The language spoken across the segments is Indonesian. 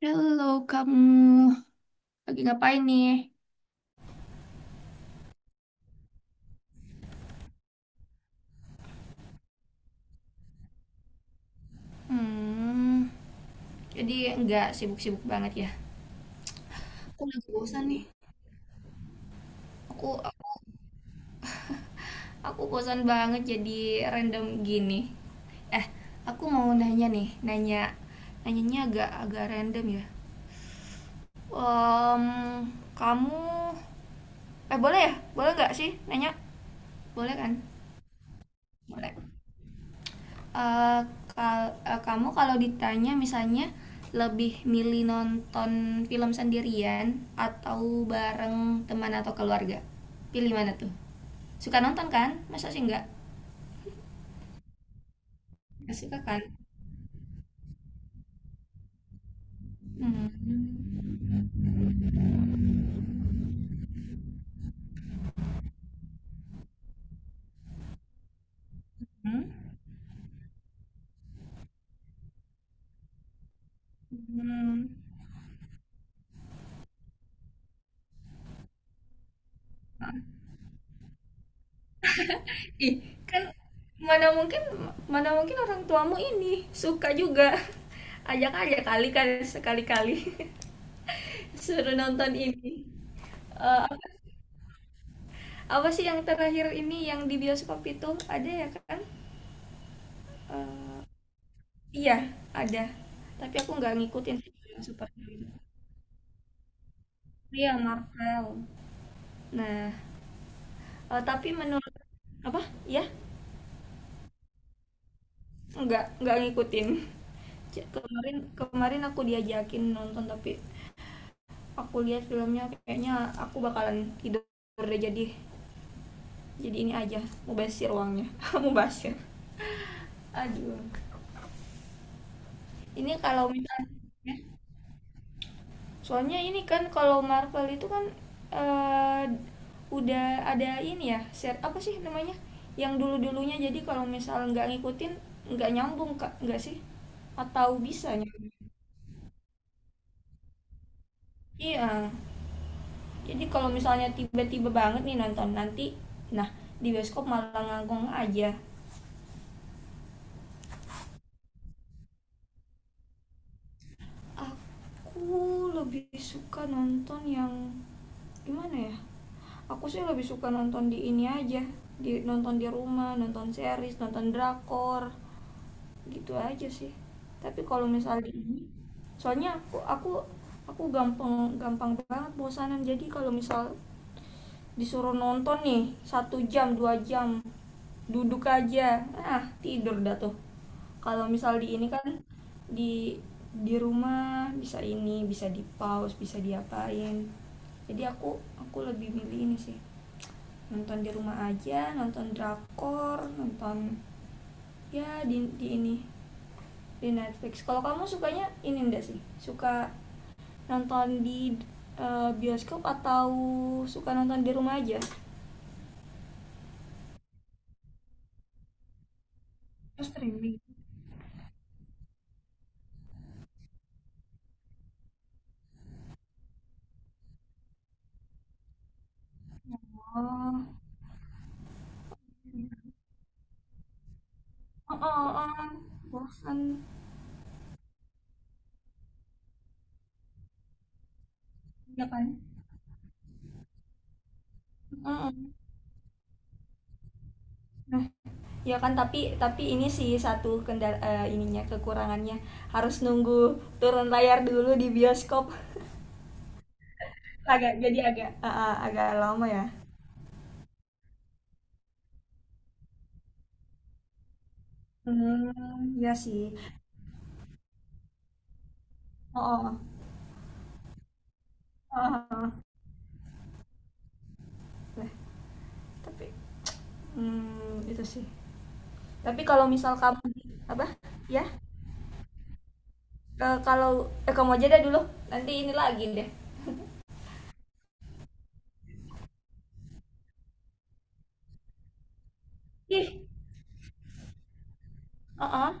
Halo, kamu lagi ngapain nih? Hmm, jadi nggak sibuk-sibuk banget ya? Aku lagi bosan nih. Aku aku bosan banget, jadi random gini. Eh, aku mau nanya nih, nanyanya agak agak random ya. Em, kamu boleh ya? Boleh nggak sih nanya? Boleh kan? Boleh. Eh, kamu kalau ditanya misalnya lebih milih nonton film sendirian atau bareng teman atau keluarga, pilih mana tuh? Suka nonton kan? Masa sih enggak? Nggak suka kan? Hmm. Hmm? Hmm. Ih, kan mana mungkin mana mungkin orang tuamu ini suka juga. Ajak aja kali kan sekali-kali suruh nonton ini. Eh, apa sih yang terakhir ini yang di bioskop itu ada ya kan? Eh, iya, ada tapi aku nggak ngikutin sih yang superhero itu. Iya, Marvel. Nah, tapi menurut apa ya, nggak ngikutin. C- kemarin kemarin aku diajakin nonton, tapi aku lihat filmnya kayaknya aku bakalan tidur deh, jadi ini aja, mubasir uangnya mubasir, aduh. Ini kalau misalnya, soalnya ini kan kalau Marvel itu kan eh, udah ada ini ya, share apa sih namanya? Yang dulu-dulunya, jadi kalau misal nggak ngikutin nggak nyambung Kak, nggak sih? Atau bisa nyambung? Iya. Jadi kalau misalnya tiba-tiba banget nih nonton nanti, nah, di bioskop malah ngangkong aja. Aku lebih suka nonton yang gimana ya? Aku sih lebih suka nonton di ini aja, di nonton di rumah, nonton series, nonton drakor. Gitu aja sih. Tapi kalau misalnya ini, soalnya aku gampang gampang banget bosanan, jadi kalau misal disuruh nonton nih 1 jam 2 jam duduk aja, ah tidur dah tuh. Kalau misal di ini kan, di di rumah bisa ini, bisa di pause, bisa diapain. Jadi aku lebih milih ini sih, nonton di rumah aja, nonton drakor, nonton ya di ini, di Netflix. Kalau kamu sukanya ini enggak sih? Suka nonton di bioskop atau suka nonton di rumah aja? Terus streaming, oh. Oh, oh, oh. Bosan. Iya kan. Mm-mm. Nah, ya kan, tapi ini sih satu kendala, ininya kekurangannya harus nunggu turun layar dulu di bioskop. Agak jadi agak, agak lama ya. Hmm, ya sih. Oh, oh. Oh, oh. Nah, tapi itu sih. Tapi kalau misal kamu, apa? Ya, Ke- kalau kamu aja deh dulu. Nanti ini lagi deh. Ih, uh-uh.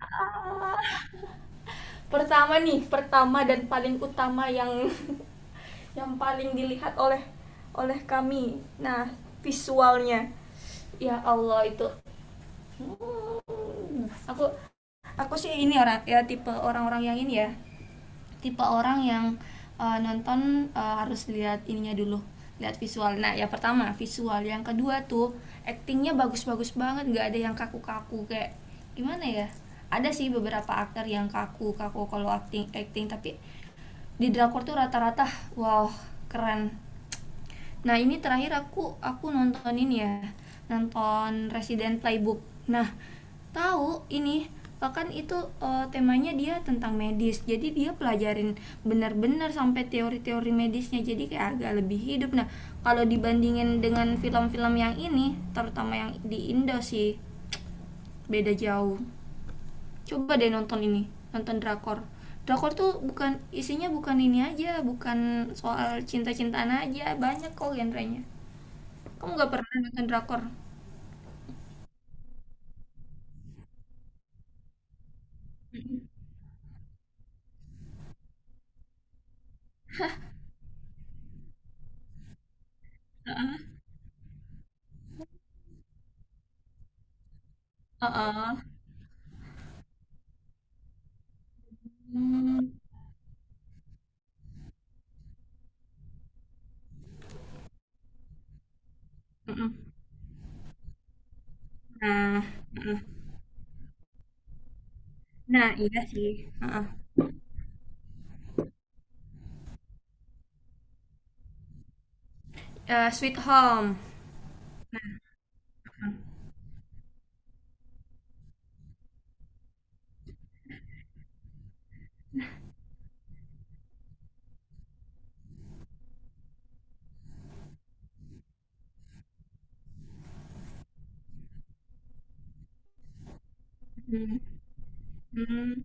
Ah. Pertama nih, pertama dan paling utama yang yang paling dilihat oleh oleh kami. Nah, visualnya. Ya Allah, itu. Hmm, aku aku sih ini orang ya, tipe orang-orang yang ini ya, tipe orang yang nonton, harus lihat ininya dulu, lihat visual. Nah, yang pertama visual, yang kedua tuh actingnya bagus-bagus banget, nggak ada yang kaku-kaku, kayak gimana ya, ada sih beberapa aktor yang kaku-kaku kalau acting acting tapi di drakor tuh rata-rata wow, keren. Nah, ini terakhir aku nonton ini ya, nonton Resident Playbook. Nah, tahu ini, bahkan itu temanya dia tentang medis, jadi dia pelajarin benar-benar sampai teori-teori medisnya, jadi kayak agak lebih hidup. Nah, kalau dibandingin dengan film-film yang ini terutama yang di Indo sih beda jauh. Coba deh nonton ini, nonton drakor. Drakor tuh bukan isinya, bukan ini aja, bukan soal cinta-cintaan aja, banyak kok genrenya. Kamu nggak pernah nonton drakor? Mm-mm. Heeh. Heeh. Hmm. Mm-mm. Nah. Heeh. Nah, iya sih. Heeh. Sweet Home. Mm. Mm.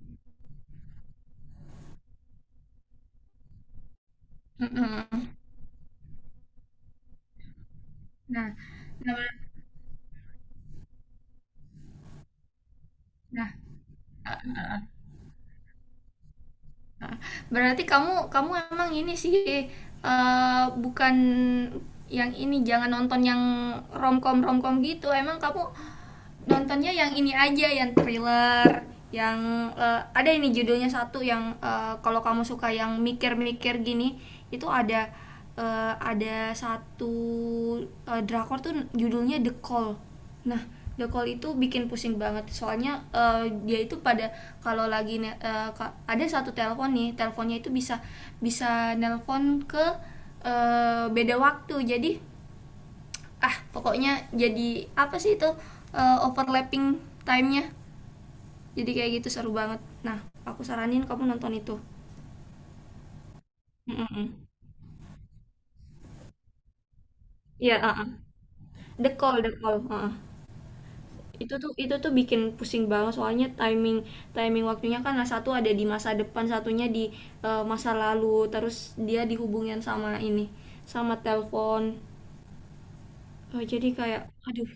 Mm-mm. Nah, nah, nah, heeh. Berarti kamu kamu emang ini sih, bukan yang ini, jangan nonton yang romcom romcom gitu. Emang kamu nontonnya yang ini aja, yang thriller, yang ada ini judulnya satu yang, kalau kamu suka yang mikir-mikir gini, itu ada satu drakor tuh judulnya The Call. Nah, The Call itu bikin pusing banget, soalnya dia itu pada kalau lagi ada satu telepon nih, teleponnya itu bisa bisa nelpon ke beda waktu, jadi ah pokoknya, jadi apa sih itu, overlapping timenya, jadi kayak gitu seru banget. Nah, aku saranin kamu nonton itu. Mm-mm. Iya, heeh. The Call, The Call. Heeh. Itu tuh bikin pusing banget, soalnya timing timing waktunya kan, nah, satu ada di masa depan, satunya di masa lalu, terus dia dihubungin sama ini, sama telepon. Oh, jadi kayak, aduh.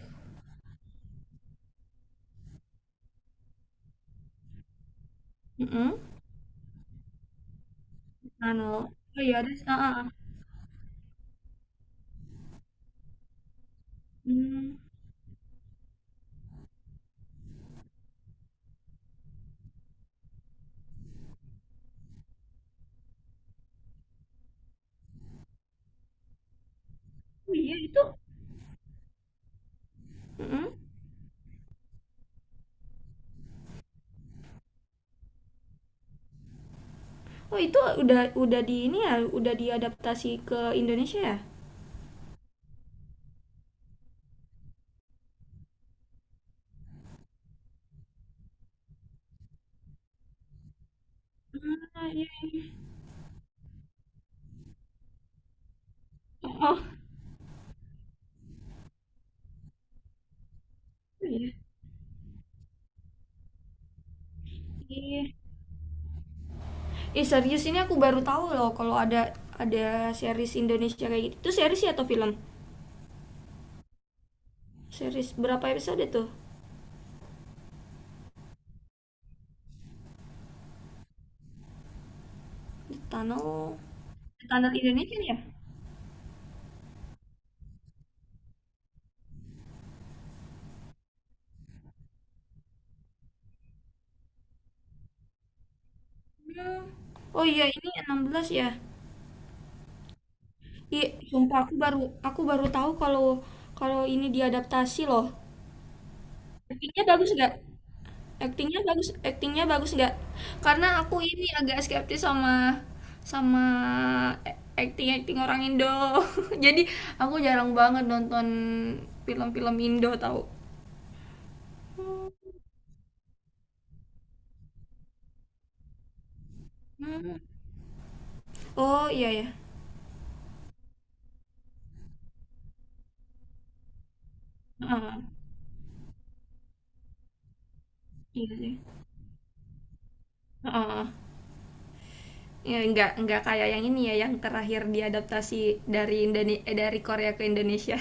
Mm-mm. Anu, oh iya ada. Ah, ah, ah. Hmm. Oh iya itu. Mm-mm. Oh itu udah di ini ya, udah diadaptasi ke Indonesia ya? Ah, iya. Oh, iya. Iya. Serius ini aku baru tahu loh kalau ada series Indonesia kayak gitu. Itu series ya atau film? Series berapa episode tuh? The Tunnel. The Tunnel Indonesia ya? Hmm. Oh iya, ini 16 ya. Iya, sumpah aku baru tahu kalau kalau ini diadaptasi loh. Ratingnya bagus nggak? Aktingnya bagus nggak? Karena aku ini agak skeptis sama sama akting-akting orang Indo. Jadi aku jarang banget nonton film-film Indo, tahu. Hmm. Oh iya ya. Heeh, iya sih. Heeh. Ya, nggak kayak yang ini ya, yang terakhir diadaptasi dari Korea ke Indonesia.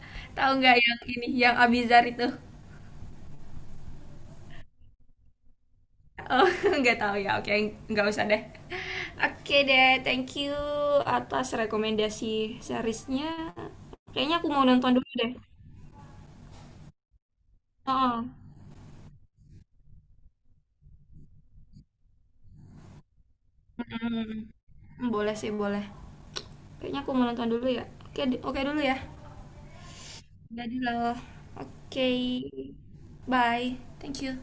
Tahu nggak yang ini yang Abizar itu? Oh, nggak tahu ya. Oke, nggak usah deh. Oke deh, thank you atas rekomendasi seriesnya. Kayaknya aku mau nonton dulu deh. Oh, boleh sih, boleh. Kayaknya aku mau nonton dulu ya. Oke, oke dulu ya. Jadi loh. Oke. Bye. Thank you.